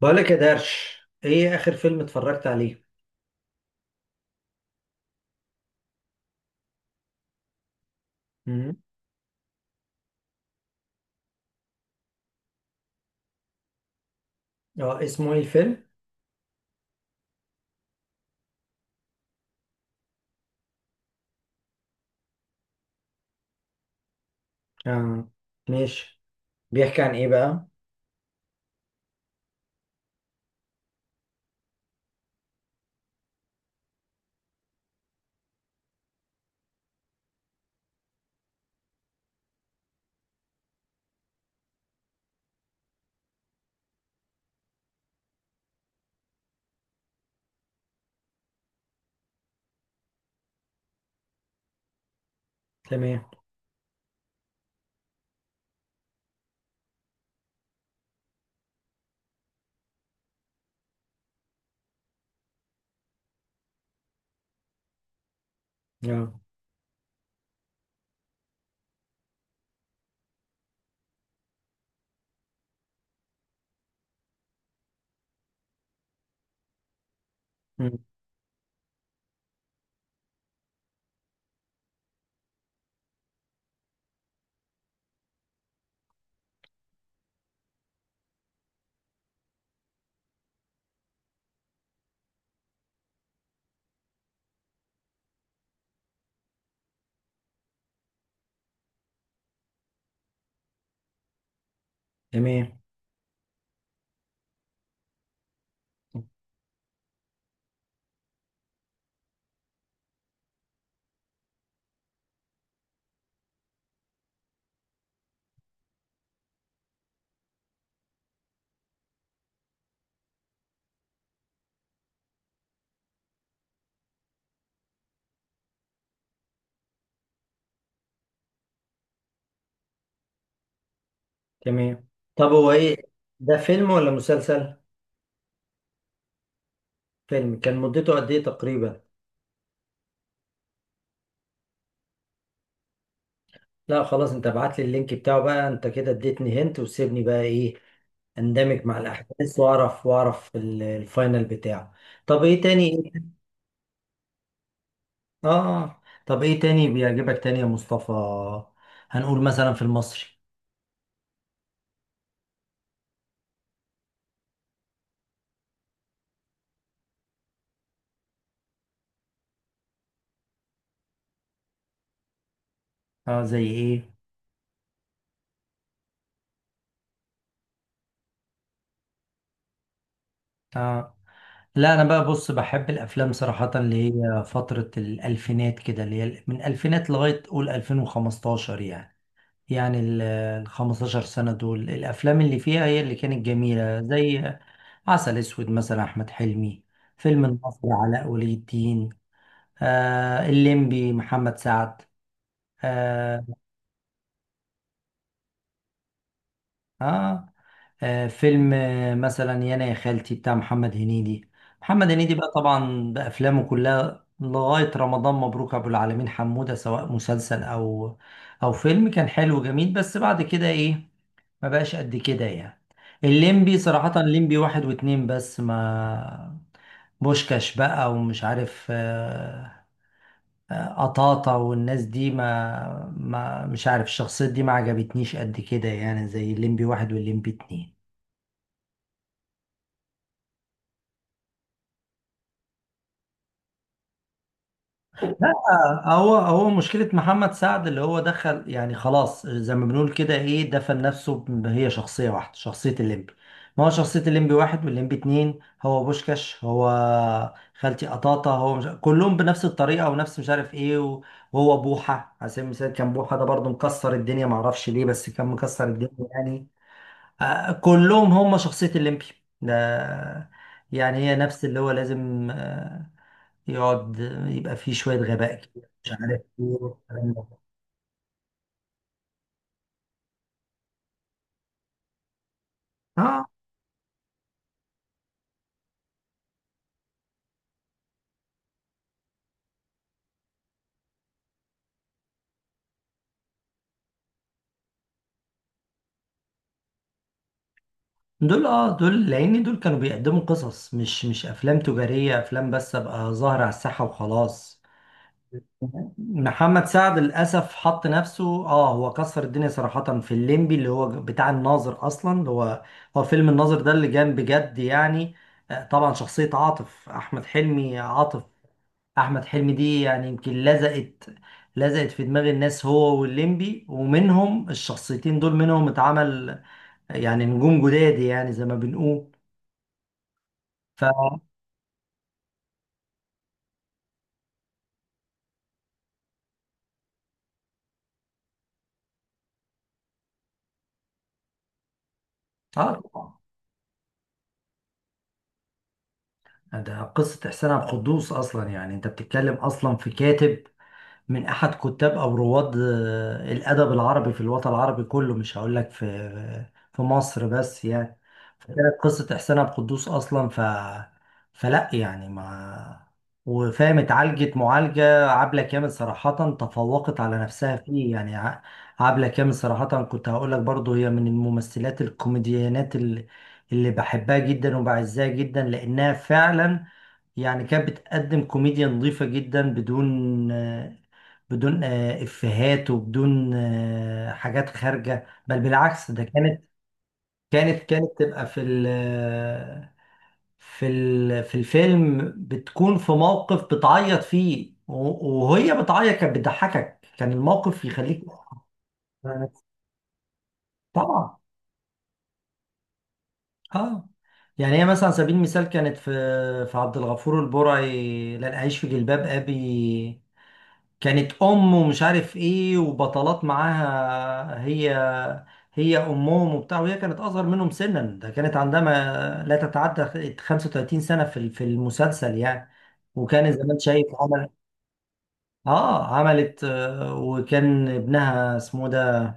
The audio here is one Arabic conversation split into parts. بقولك يا درش، ايه اخر فيلم اتفرجت عليه؟ مم. اه، اسمه ايه الفيلم؟ اه، ماشي. بيحكي عن ايه بقى؟ تمام. اه. مم. تمام. تمام، طب هو ايه، ده فيلم ولا مسلسل؟ فيلم، كان مدته قد ايه تقريبا؟ لا خلاص، انت ابعت لي اللينك بتاعه بقى، انت كده اديتني هنت وسيبني بقى ايه، اندمج مع الاحداث واعرف واعرف الفاينل بتاعه. طب ايه تاني؟ اه. اه. طب ايه تاني بيعجبك تاني يا مصطفى؟ هنقول مثلا في المصري. اه، زي ايه؟ اه، لا انا بقى بص، بحب الافلام صراحة اللي هي فترة الالفينات كده، اللي هي من الالفينات لغاية قول 2015 يعني. يعني ال 15 سنة دول الافلام اللي فيها هي اللي كانت جميلة، زي عسل اسود مثلا احمد حلمي، فيلم النصر علاء ولي الدين، آه الليمبي محمد سعد، اه، آه، فيلم مثلا يانا يا خالتي بتاع محمد هنيدي. محمد هنيدي بقى طبعا بأفلامه كلها لغاية رمضان مبروك أبو العالمين حمودة، سواء مسلسل أو أو فيلم، كان حلو وجميل، بس بعد كده إيه، ما بقاش قد كده يعني. الليمبي صراحة، الليمبي واحد واتنين، بس ما بوشكاش بقى ومش عارف قطاطة والناس دي ما مش عارف، الشخصيات دي ما عجبتنيش قد كده يعني، زي الليمبي واحد والليمبي اتنين. لا هو، هو مشكلة محمد سعد اللي هو دخل يعني خلاص زي ما بنقول كده ايه، دفن نفسه هي شخصية واحدة، شخصية الليمبي. ما هو شخصية الليمبي واحد والليمبي اتنين، هو بوشكاش، هو خالتي قطاطة، هو مش... كلهم بنفس الطريقة ونفس مش عارف ايه وهو بوحة على سبيل المثال، كان بوحة ده برضه مكسر الدنيا، معرفش ليه، بس كان مكسر الدنيا يعني. كلهم هم شخصية الليمبي ده، يعني هي نفس اللي هو لازم يقعد يبقى فيه شوية غباء كده مش عارف ايه والكلام ده. اه دول، اه دول لان دول كانوا بيقدموا قصص، مش افلام تجارية، افلام بس ابقى ظاهر على الساحة وخلاص. محمد سعد للاسف حط نفسه اه، هو كسر الدنيا صراحة في الليمبي اللي هو بتاع الناظر اصلا، اللي هو، هو فيلم الناظر ده اللي جان بجد يعني. طبعا شخصية عاطف احمد حلمي، عاطف احمد حلمي دي يعني يمكن لزقت، لزقت في دماغ الناس هو والليمبي، ومنهم الشخصيتين دول منهم اتعمل يعني نجوم جداد، يعني زي ما بنقول. ف اه طبعا. ده قصة إحسان عبد القدوس أصلا، يعني أنت بتتكلم أصلا في كاتب من أحد كتاب أو رواد الأدب العربي في الوطن العربي كله، مش هقول لك في في مصر بس يعني. فكانت قصة إحسان عبد القدوس أصلا، ف فلا يعني ما، وفاهم، اتعالجت معالجة عبلة كامل صراحة تفوقت على نفسها فيه يعني. عبلة كامل صراحة كنت هقول لك برضو، هي من الممثلات الكوميديانات اللي، اللي بحبها جدا وبعزها جدا لأنها فعلا يعني كانت بتقدم كوميديا نظيفة جدا بدون بدون إفيهات وبدون حاجات خارجة، بل بالعكس ده كانت، كانت كانت تبقى في ال في ال في الفيلم بتكون في موقف بتعيط فيه وهي بتعيط كانت بتضحكك، كان الموقف يخليك طبعا. اه. يعني هي مثلا على سبيل المثال كانت في، في عبد الغفور البرعي لن أعيش في جلباب أبي، كانت ام ومش عارف ايه وبطلات معاها، هي هي امهم وبتاع، وهي كانت اصغر منهم سنا، ده كانت عندها ما لا تتعدى 35 سنه في المسلسل يعني، وكان زي ما انت شايف، عمل. اه عملت وكان ابنها اسمه ده،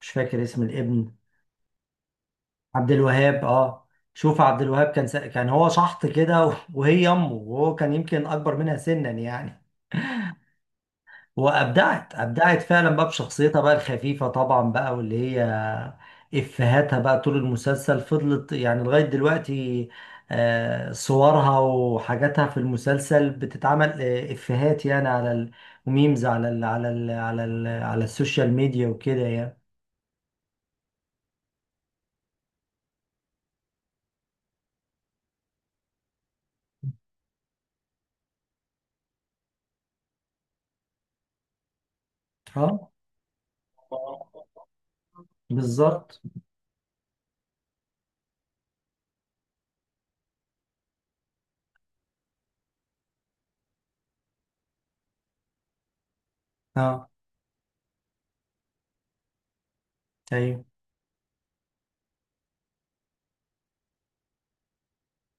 مش فاكر اسم الابن. عبد الوهاب، اه. شوف عبد الوهاب كان كان هو شحط كده وهي امه، وهو كان يمكن اكبر منها سنا يعني. وابدعت، ابدعت فعلا بقى بشخصيتها بقى الخفيفه طبعا بقى، واللي هي افهاتها بقى طول المسلسل فضلت يعني لغايه دلوقتي. صورها وحاجاتها في المسلسل بتتعمل افهات يعني وميمز على على السوشيال ميديا وكده يعني. اه بالظبط. اه ايوه.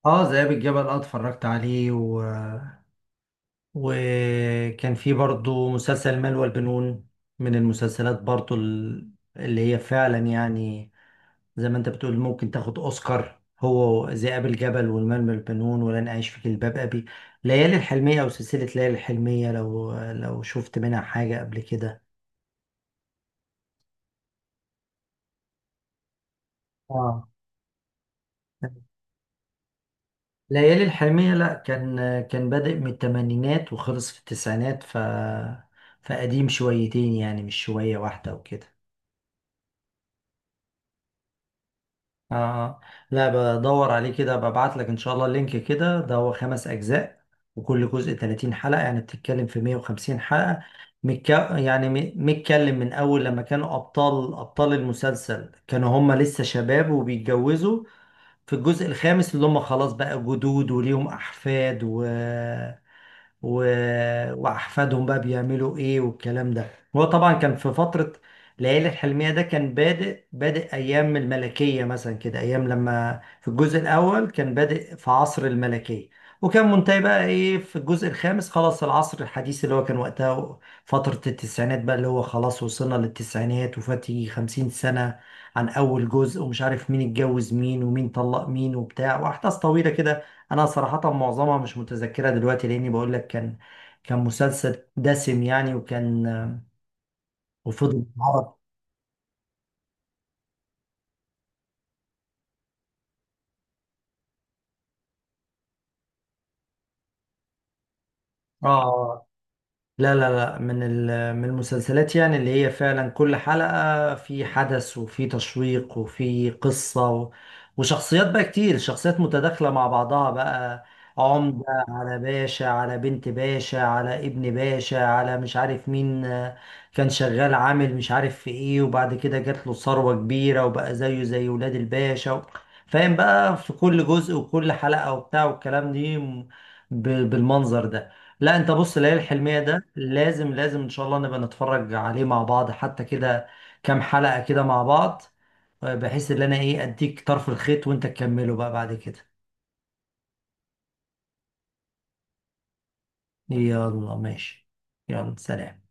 اه ذئاب الجبل، اه اتفرجت عليه. وكان في برضو مسلسل المال والبنون، من المسلسلات برضو اللي هي فعلا يعني زي ما انت بتقول ممكن تاخد اوسكار، هو ذئاب الجبل والمال والبنون ولن اعيش في جلباب ابي. ليالي الحلمية او سلسلة ليالي الحلمية، لو شفت منها حاجة قبل كده. اه ليالي الحلمية، لا كان، كان بادئ من الثمانينات وخلص في التسعينات، ف فقديم شويتين يعني، مش شوية واحدة وكده. اه آه. لا، بدور عليه كده، ببعت لك ان شاء الله اللينك كده. ده هو خمس اجزاء، وكل جزء 30 حلقة، يعني بتتكلم في 150 حلقة. متك... يعني متكلم من اول لما كانوا ابطال المسلسل كانوا هم لسه شباب وبيتجوزوا، في الجزء الخامس اللي هم خلاص بقى جدود وليهم احفاد و... واحفادهم بقى بيعملوا ايه والكلام ده. هو طبعا كان في فتره، ليالي الحلميه ده كان بادئ ايام الملكيه مثلا كده، ايام لما في الجزء الاول كان بادئ في عصر الملكيه، وكان منتهي بقى ايه في الجزء الخامس خلاص العصر الحديث اللي هو كان وقتها فترة التسعينات بقى، اللي هو خلاص وصلنا للتسعينات، وفات يجي 50 سنة عن أول جزء. ومش عارف مين اتجوز مين ومين طلق مين وبتاع، وأحداث طويلة كده. انا صراحة معظمها مش متذكرة دلوقتي، لاني بقول لك كان، كان مسلسل دسم يعني، وكان وفضل يتعرض. اه. لا من من المسلسلات يعني اللي هي فعلا كل حلقة في حدث وفي تشويق وفي قصة وشخصيات بقى كتير، شخصيات متداخلة مع بعضها بقى، عمدة على باشا على بنت باشا على ابن باشا على مش عارف مين. كان شغال عامل مش عارف في ايه، وبعد كده جات له ثروة كبيرة وبقى زيه زي ولاد الباشا و... فاهم بقى في كل جزء وكل حلقة وبتاع والكلام دي، بالمنظر ده. لا انت بص، ليالي الحلمية ده لازم ان شاء الله نبقى نتفرج عليه مع بعض حتى كده، كام حلقة كده مع بعض، بحيث ان انا ايه اديك طرف الخيط وانت تكمله بقى بعد كده. يلا ماشي، يلا سلام.